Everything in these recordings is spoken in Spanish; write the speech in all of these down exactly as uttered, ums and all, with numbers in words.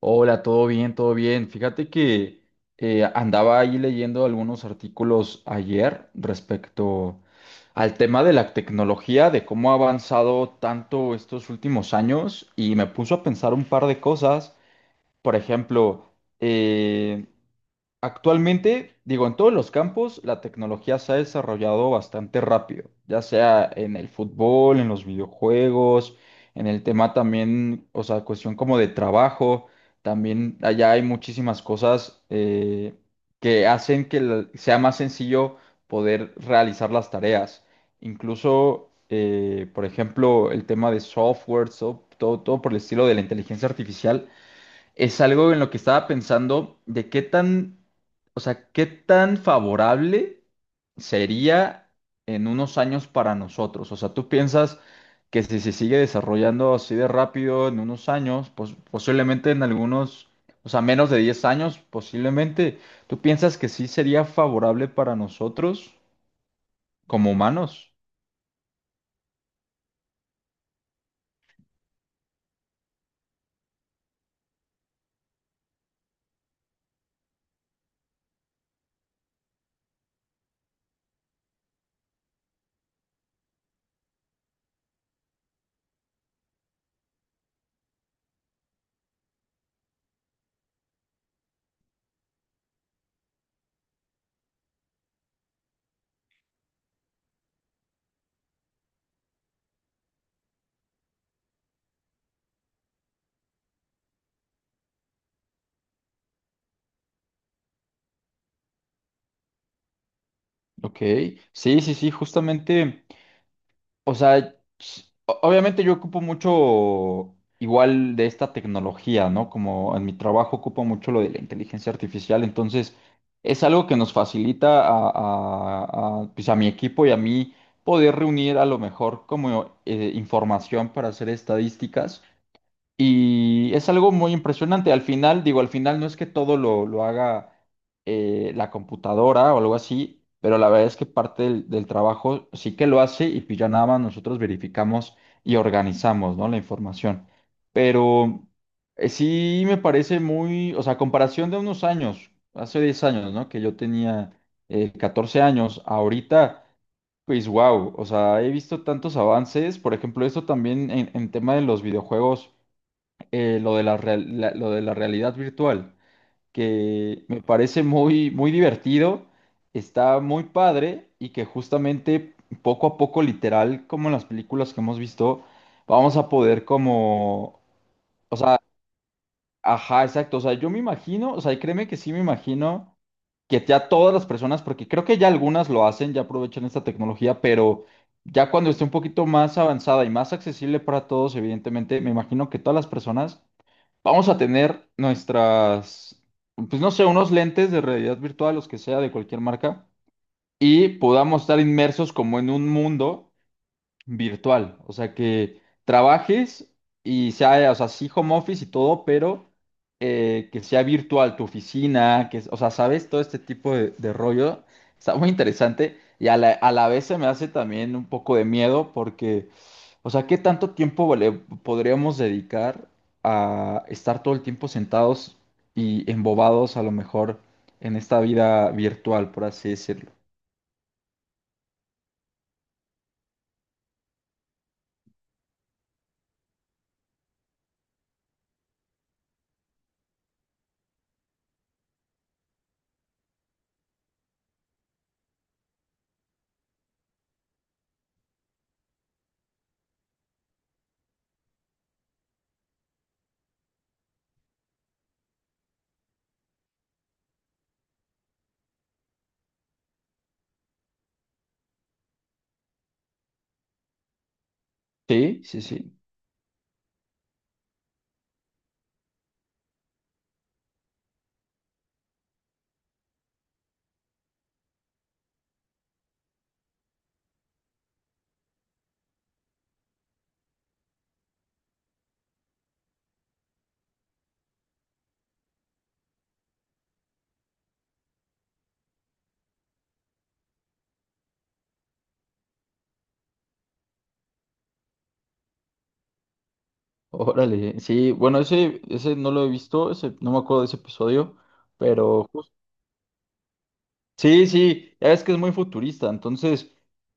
Hola, todo bien, todo bien. Fíjate que eh, andaba ahí leyendo algunos artículos ayer respecto al tema de la tecnología, de cómo ha avanzado tanto estos últimos años y me puso a pensar un par de cosas. Por ejemplo, eh, actualmente, digo, en todos los campos la tecnología se ha desarrollado bastante rápido, ya sea en el fútbol, en los videojuegos, en el tema también, o sea, cuestión como de trabajo, también allá hay muchísimas cosas eh, que hacen que la- sea más sencillo poder realizar las tareas. Incluso, eh, por ejemplo, el tema de software, so- todo, todo por el estilo de la inteligencia artificial es algo en lo que estaba pensando de qué tan, o sea, qué tan favorable sería en unos años para nosotros. O sea, tú piensas que si se sigue desarrollando así de rápido en unos años, pues posiblemente en algunos, o sea, menos de diez años, posiblemente, ¿tú piensas que sí sería favorable para nosotros como humanos? Ok, sí, sí, sí, justamente. O sea, s- o- obviamente yo ocupo mucho igual de esta tecnología, ¿no? Como en mi trabajo ocupo mucho lo de la inteligencia artificial, entonces es algo que nos facilita a, a- a, pues a mi equipo y a mí poder reunir a lo mejor como eh, información para hacer estadísticas. Y es algo muy impresionante. Al final, digo, al final no es que todo lo, lo haga eh, la computadora o algo así, pero la verdad es que parte del, del trabajo sí que lo hace y pues ya nada más nosotros verificamos y organizamos, ¿no? La información. Pero eh, sí me parece muy, o sea, a comparación de unos años, hace diez años, ¿no? Que yo tenía eh, catorce años, ahorita... Pues wow, o sea, he visto tantos avances, por ejemplo, esto también en, en tema de los videojuegos, eh, lo de la, real- la- lo de la realidad virtual, que me parece muy, muy divertido, está muy padre y que justamente poco a poco, literal, como en las películas que hemos visto, vamos a poder como... Ajá, exacto. O sea, yo me imagino, o sea, y créeme que sí me imagino que ya todas las personas, porque creo que ya algunas lo hacen, ya aprovechan esta tecnología, pero ya cuando esté un poquito más avanzada y más accesible para todos, evidentemente, me imagino que todas las personas vamos a tener nuestras, pues no sé, unos lentes de realidad virtual, los que sea, de cualquier marca, y podamos estar inmersos como en un mundo virtual, o sea, que trabajes y sea, o sea, sí home office y todo, pero eh, que sea virtual tu oficina, que, es- o sea, sabes, todo este tipo de, de rollo está muy interesante y a la, a la vez se me hace también un poco de miedo porque, o sea, ¿qué tanto tiempo le podríamos dedicar a estar todo el tiempo sentados y embobados a lo mejor en esta vida virtual, por así decirlo? Sí, sí, sí. Órale, sí, bueno, ese, ese no lo he visto, ese, no me acuerdo de ese episodio, pero jus- sí, sí, ya ves que es muy futurista, entonces,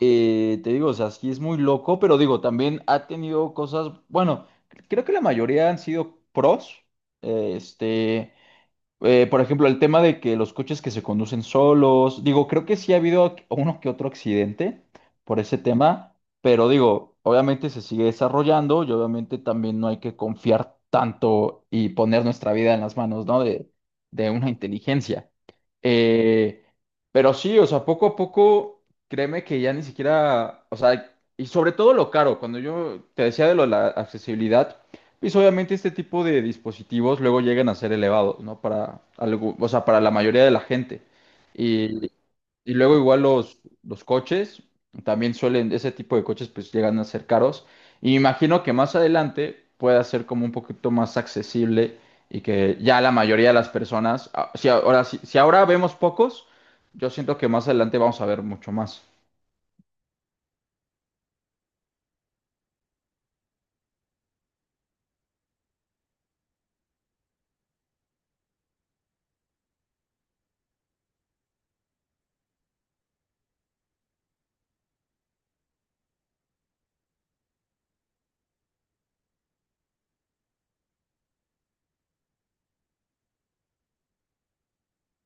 eh, te digo, o sea, sí es muy loco, pero digo, también ha tenido cosas, bueno, creo que la mayoría han sido pros, eh, este, eh, por ejemplo, el tema de que los coches que se conducen solos, digo, creo que sí ha habido ac- uno que otro accidente por ese tema, pero digo, obviamente se sigue desarrollando y obviamente también no hay que confiar tanto y poner nuestra vida en las manos, ¿no? De, de una inteligencia. Eh, pero sí, o sea, poco a poco, créeme que ya ni siquiera, o sea, y sobre todo lo caro, cuando yo te decía de lo de la accesibilidad. Pues obviamente este tipo de dispositivos luego llegan a ser elevados, ¿no? Para algo, o sea, para la mayoría de la gente. Y, y luego igual los, los coches, también suelen, ese tipo de coches pues llegan a ser caros. Y me imagino que más adelante pueda ser como un poquito más accesible y que ya la mayoría de las personas, ah, si ahora, si, si ahora vemos pocos, yo siento que más adelante vamos a ver mucho más.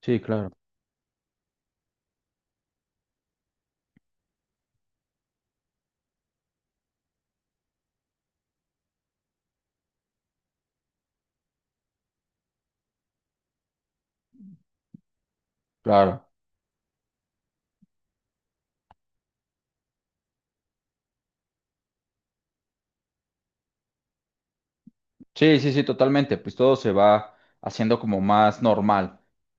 Sí, claro. Claro. Sí, sí, sí, totalmente. Pues todo se va haciendo como más normal.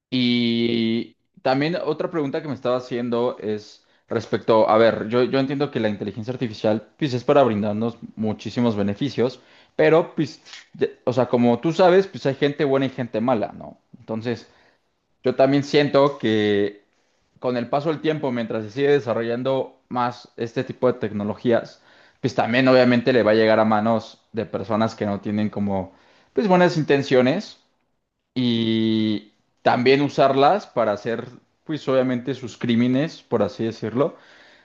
Y también otra pregunta que me estaba haciendo es respecto, a ver, yo, yo entiendo que la inteligencia artificial pues es para brindarnos muchísimos beneficios, pero pues, de- o sea, como tú sabes, pues hay gente buena y gente mala, ¿no? Entonces, yo también siento que con el paso del tiempo, mientras se sigue desarrollando más este tipo de tecnologías, pues también obviamente le va a llegar a manos de personas que no tienen como, pues buenas intenciones y también usarlas para hacer, pues obviamente sus crímenes, por así decirlo,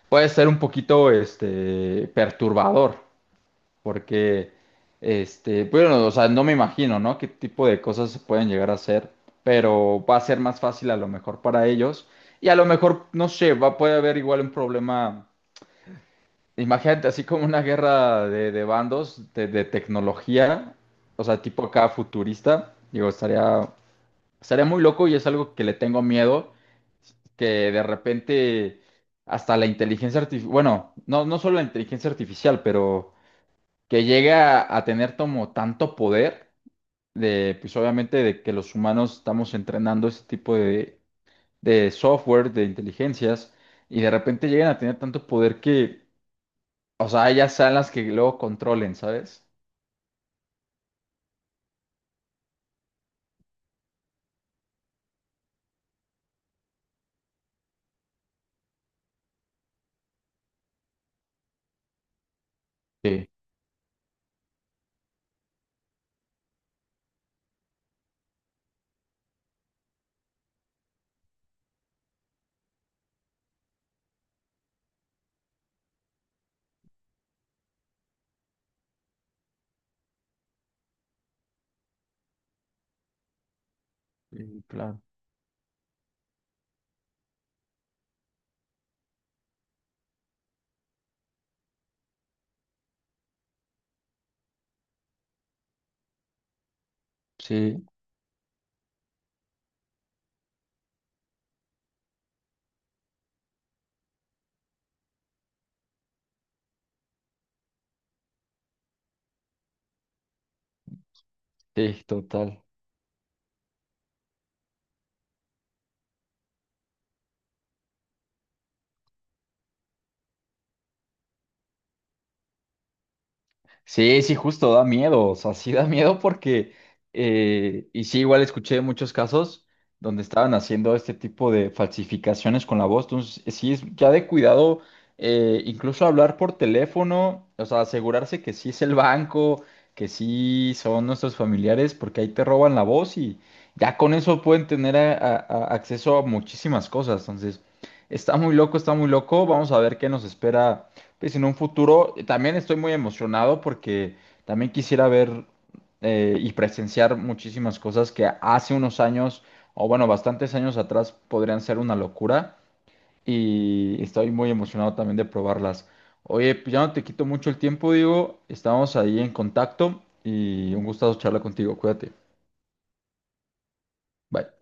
puede ser un poquito, este, perturbador. Porque, este, bueno, o sea, no me imagino, ¿no? Qué tipo de cosas se pueden llegar a hacer, pero va a ser más fácil a lo mejor para ellos. Y a lo mejor, no sé, va, puede haber igual un problema. Imagínate, así como una guerra de, de bandos, de, de tecnología, o sea, tipo acá futurista, digo, estaría, estaría muy loco y es algo que le tengo miedo, que de repente hasta la inteligencia artificial, bueno, no, no solo la inteligencia artificial, pero que llega a tener como tanto poder de, pues obviamente de que los humanos estamos entrenando ese tipo de, de software, de inteligencias, y de repente llegan a tener tanto poder que, o sea, ellas sean las que luego controlen, ¿sabes? Sí. Sí, claro. Sí, sí, total. Sí, sí, justo da miedo, o sea, sí da miedo porque, eh, y sí, igual escuché muchos casos donde estaban haciendo este tipo de falsificaciones con la voz, entonces eh, sí es ya de cuidado, eh, incluso hablar por teléfono, o sea, asegurarse que sí es el banco, que sí son nuestros familiares, porque ahí te roban la voz y ya con eso pueden tener a- a- a- acceso a muchísimas cosas, entonces está muy loco, está muy loco, vamos a ver qué nos espera pues en un futuro eh, también estoy muy emocionado porque también quisiera ver eh, y presenciar muchísimas cosas que hace unos años, o bueno, bastantes años atrás podrían ser una locura y estoy muy emocionado también de probarlas. Oye, pues ya no te quito mucho el tiempo, digo, estamos ahí en contacto y un gustazo charlar contigo, cuídate. Bye.